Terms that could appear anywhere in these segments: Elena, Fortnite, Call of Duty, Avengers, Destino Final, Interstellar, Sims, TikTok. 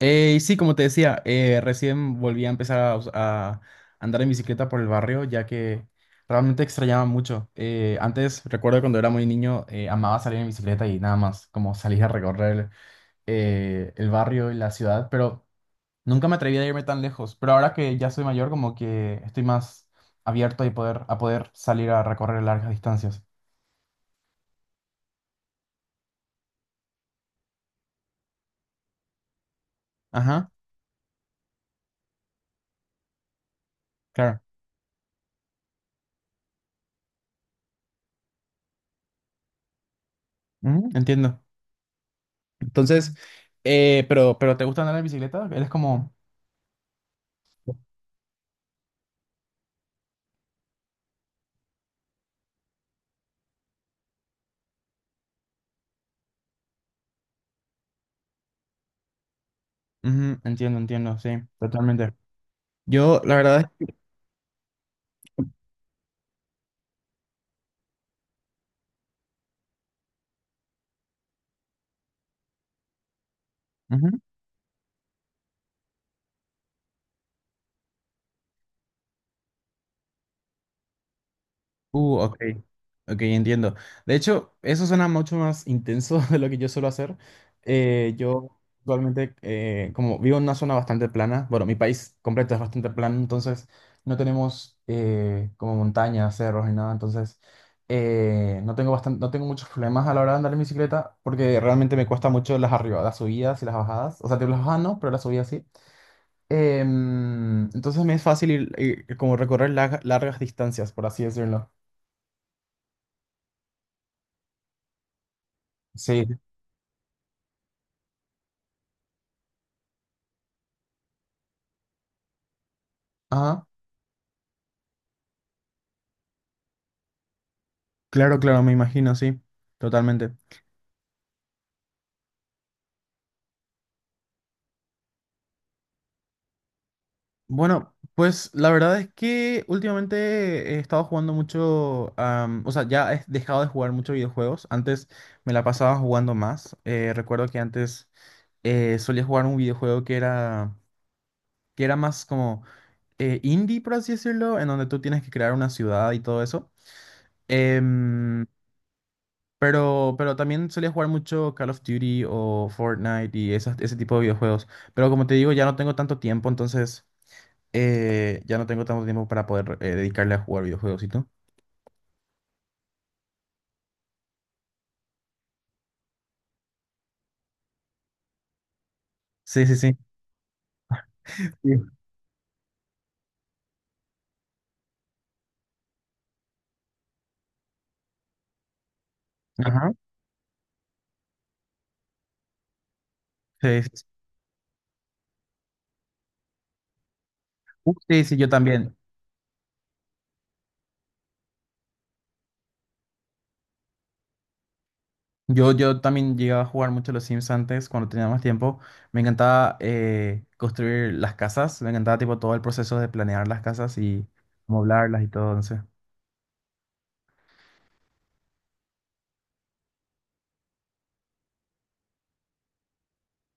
Y sí, como te decía, recién volví a empezar a, a andar en bicicleta por el barrio, ya que realmente extrañaba mucho. Antes, recuerdo cuando era muy niño, amaba salir en bicicleta y nada más, como salir a recorrer el barrio y la ciudad, pero nunca me atreví a irme tan lejos. Pero ahora que ya soy mayor, como que estoy más abierto a poder salir a recorrer largas distancias. Ajá, claro. Ujú, entiendo. Entonces, pero ¿te gusta andar en bicicleta? ¿Eres como... Ujú, entiendo, entiendo, sí, totalmente. Yo, la verdad es que... ujú. Ok, ok, entiendo. De hecho, eso suena mucho más intenso de lo que yo suelo hacer. Yo actualmente, como vivo en una zona bastante plana, bueno, mi país completo es bastante plano, entonces no tenemos como montañas, cerros ni nada, entonces no tengo muchos problemas a la hora de andar en bicicleta porque realmente me cuesta mucho las arribadas, las subidas y las bajadas. O sea, tipo, las bajadas no, pero las subidas sí. Entonces me es fácil como recorrer largas distancias, por así decirlo. Sí. Ajá, claro, claro, me imagino, sí, totalmente. Bueno, pues la verdad es que últimamente he estado jugando mucho, o sea, ya he dejado de jugar muchos videojuegos. Antes me la pasaba jugando más. Recuerdo que antes solía jugar un videojuego que era más como indie, por así decirlo, en donde tú tienes que crear una ciudad y todo eso. Em, pero también solía jugar mucho Call of Duty o Fortnite y ese tipo de videojuegos. Pero como te digo, ya no tengo tanto tiempo, entonces ya no tengo tanto tiempo para poder dedicarle a jugar videojuegos, ¿y tú? Sí, sí, sí. Sí. Ajá. Sí, sí, sí. Sí, sí, yo también. Yo también llegaba a jugar mucho los Sims antes, cuando tenía más tiempo. Me encantaba construir las casas, me encantaba tipo todo el proceso de planear las casas y moblarlas y todo, no sé.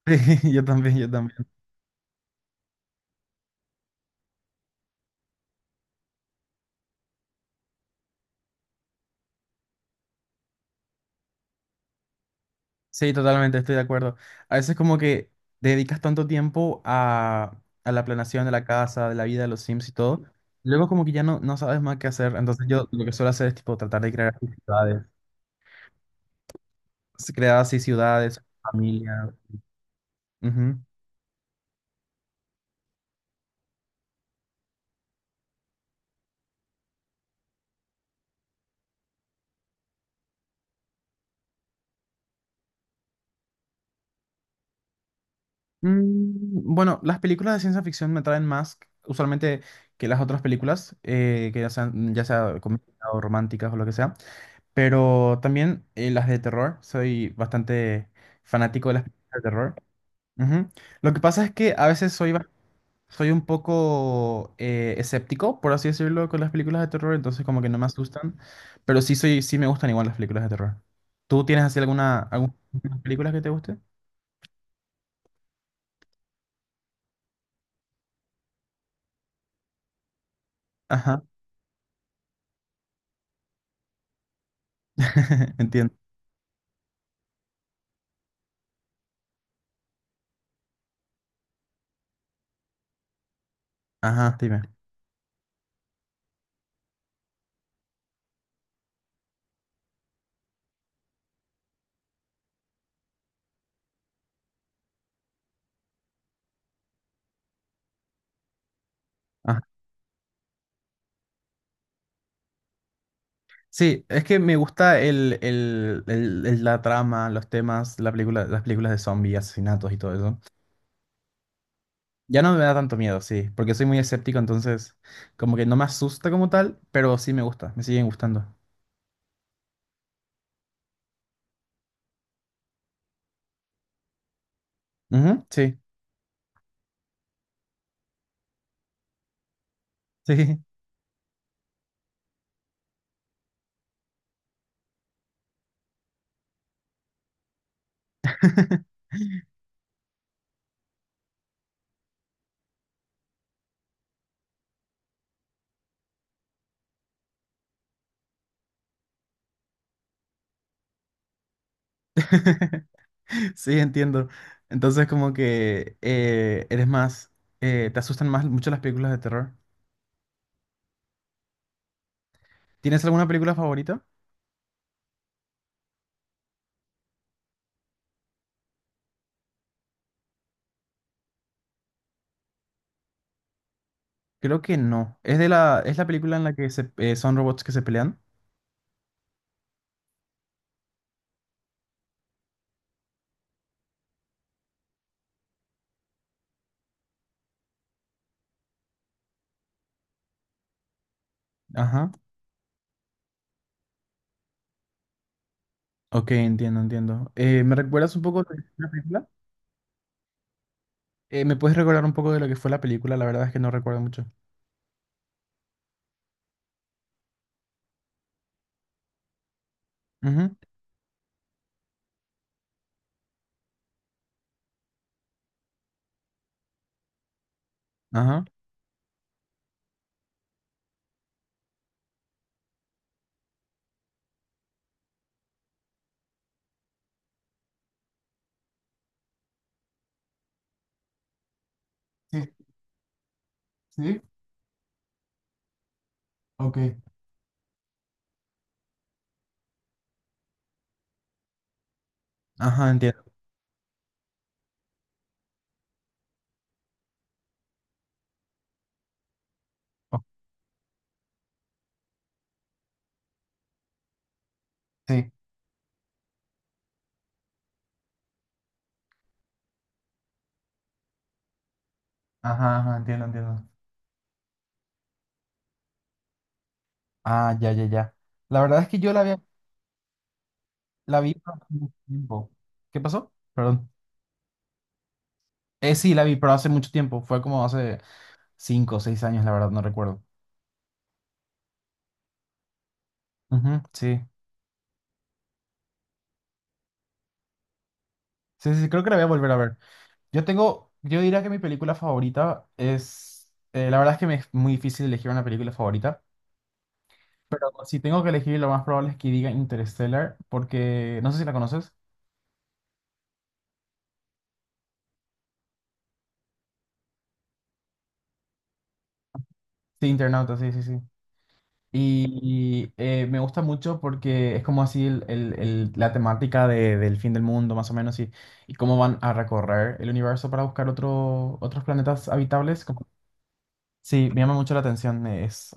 Sí, yo también, yo también. Sí, totalmente, estoy de acuerdo. A veces como que dedicas tanto tiempo a la planeación de la casa, de la vida de los Sims y todo, luego como que ya no, no sabes más qué hacer. Entonces yo lo que suelo hacer es tipo tratar de crear así ciudades, crear así ciudades, familias. Ujú. Mm, bueno, las películas de ciencia ficción me traen más usualmente que las otras películas, que ya sean, ya sea comedia o románticas o lo que sea, pero también las de terror, soy bastante fanático de las películas de terror. Ujú. Lo que pasa es que a veces soy un poco escéptico, por así decirlo, con las películas de terror, entonces como que no me asustan, pero sí soy, sí me gustan igual las películas de terror. ¿Tú tienes así alguna, algunas películas que te gusten? Ajá, entiendo. Ajá, dime. Ajá. Sí, es que me gusta la trama, los temas, la película, las películas de zombies, asesinatos y todo eso. Ya no me da tanto miedo, sí, porque soy muy escéptico, entonces como que no me asusta como tal, pero sí me gusta, me siguen gustando. Ujú, sí, sí. Sí, entiendo. Entonces, como que eres más, te asustan más mucho las películas de terror. ¿Tienes alguna película favorita? Creo que no. Es de la, es la película en la que se, son robots que se pelean. Ajá. Ok, entiendo, entiendo. ¿Me recuerdas un poco de la película? ¿Me puedes recordar un poco de lo que fue la película? La verdad es que no recuerdo mucho. Ujú, ajá. Sí, sí, ok. Ajá, entiendo. Oh, sí, ajá, ajá, entiendo, entiendo. Ah, ya, ya, ya. La verdad es que yo la había, la vi pero hace mucho tiempo. ¿Qué pasó? Perdón. Sí, la vi, pero hace mucho tiempo. Fue como hace cinco o seis años, la verdad, no recuerdo. Ujú, sí. Sí, sí, sí, creo que la voy a volver a ver. Yo tengo, yo diría que mi película favorita es, la verdad es que me es muy difícil elegir una película favorita. Pero si tengo que elegir, lo más probable es que diga Interstellar, porque, no sé si la conoces. Sí, Internauta, sí, sí, sí. Y me gusta mucho porque es como así la temática del fin del mundo, más o menos, y cómo van a recorrer el universo para buscar otro, otros planetas habitables. Como... Sí, me llama mucho la atención. Es...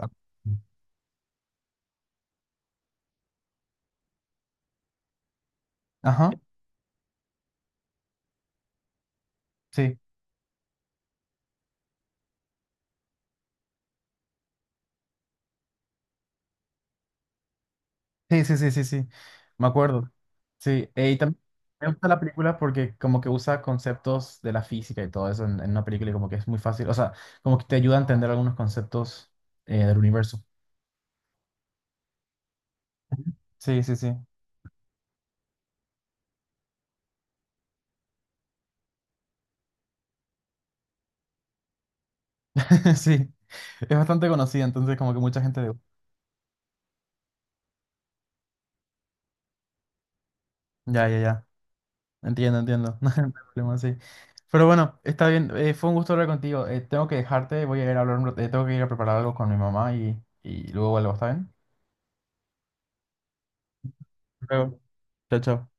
Ajá, sí. Sí, sí, sí, sí, sí. Me acuerdo. Sí, y también me gusta la película porque como que usa conceptos de la física y todo eso en una película y como que es muy fácil, o sea, como que te ayuda a entender algunos conceptos del universo. Sí, sí, sí. Sí, es bastante conocida, entonces como que mucha gente de... Ya, ya, ya. Entiendo, entiendo. No hay problema, sí. Pero bueno, está bien. Eh, fue un gusto hablar contigo. Eh, tengo que dejarte, voy a ir a tengo que ir a preparar algo con mi mamá y luego vuelvo, ¿está bien? Hasta luego. Chao, chao.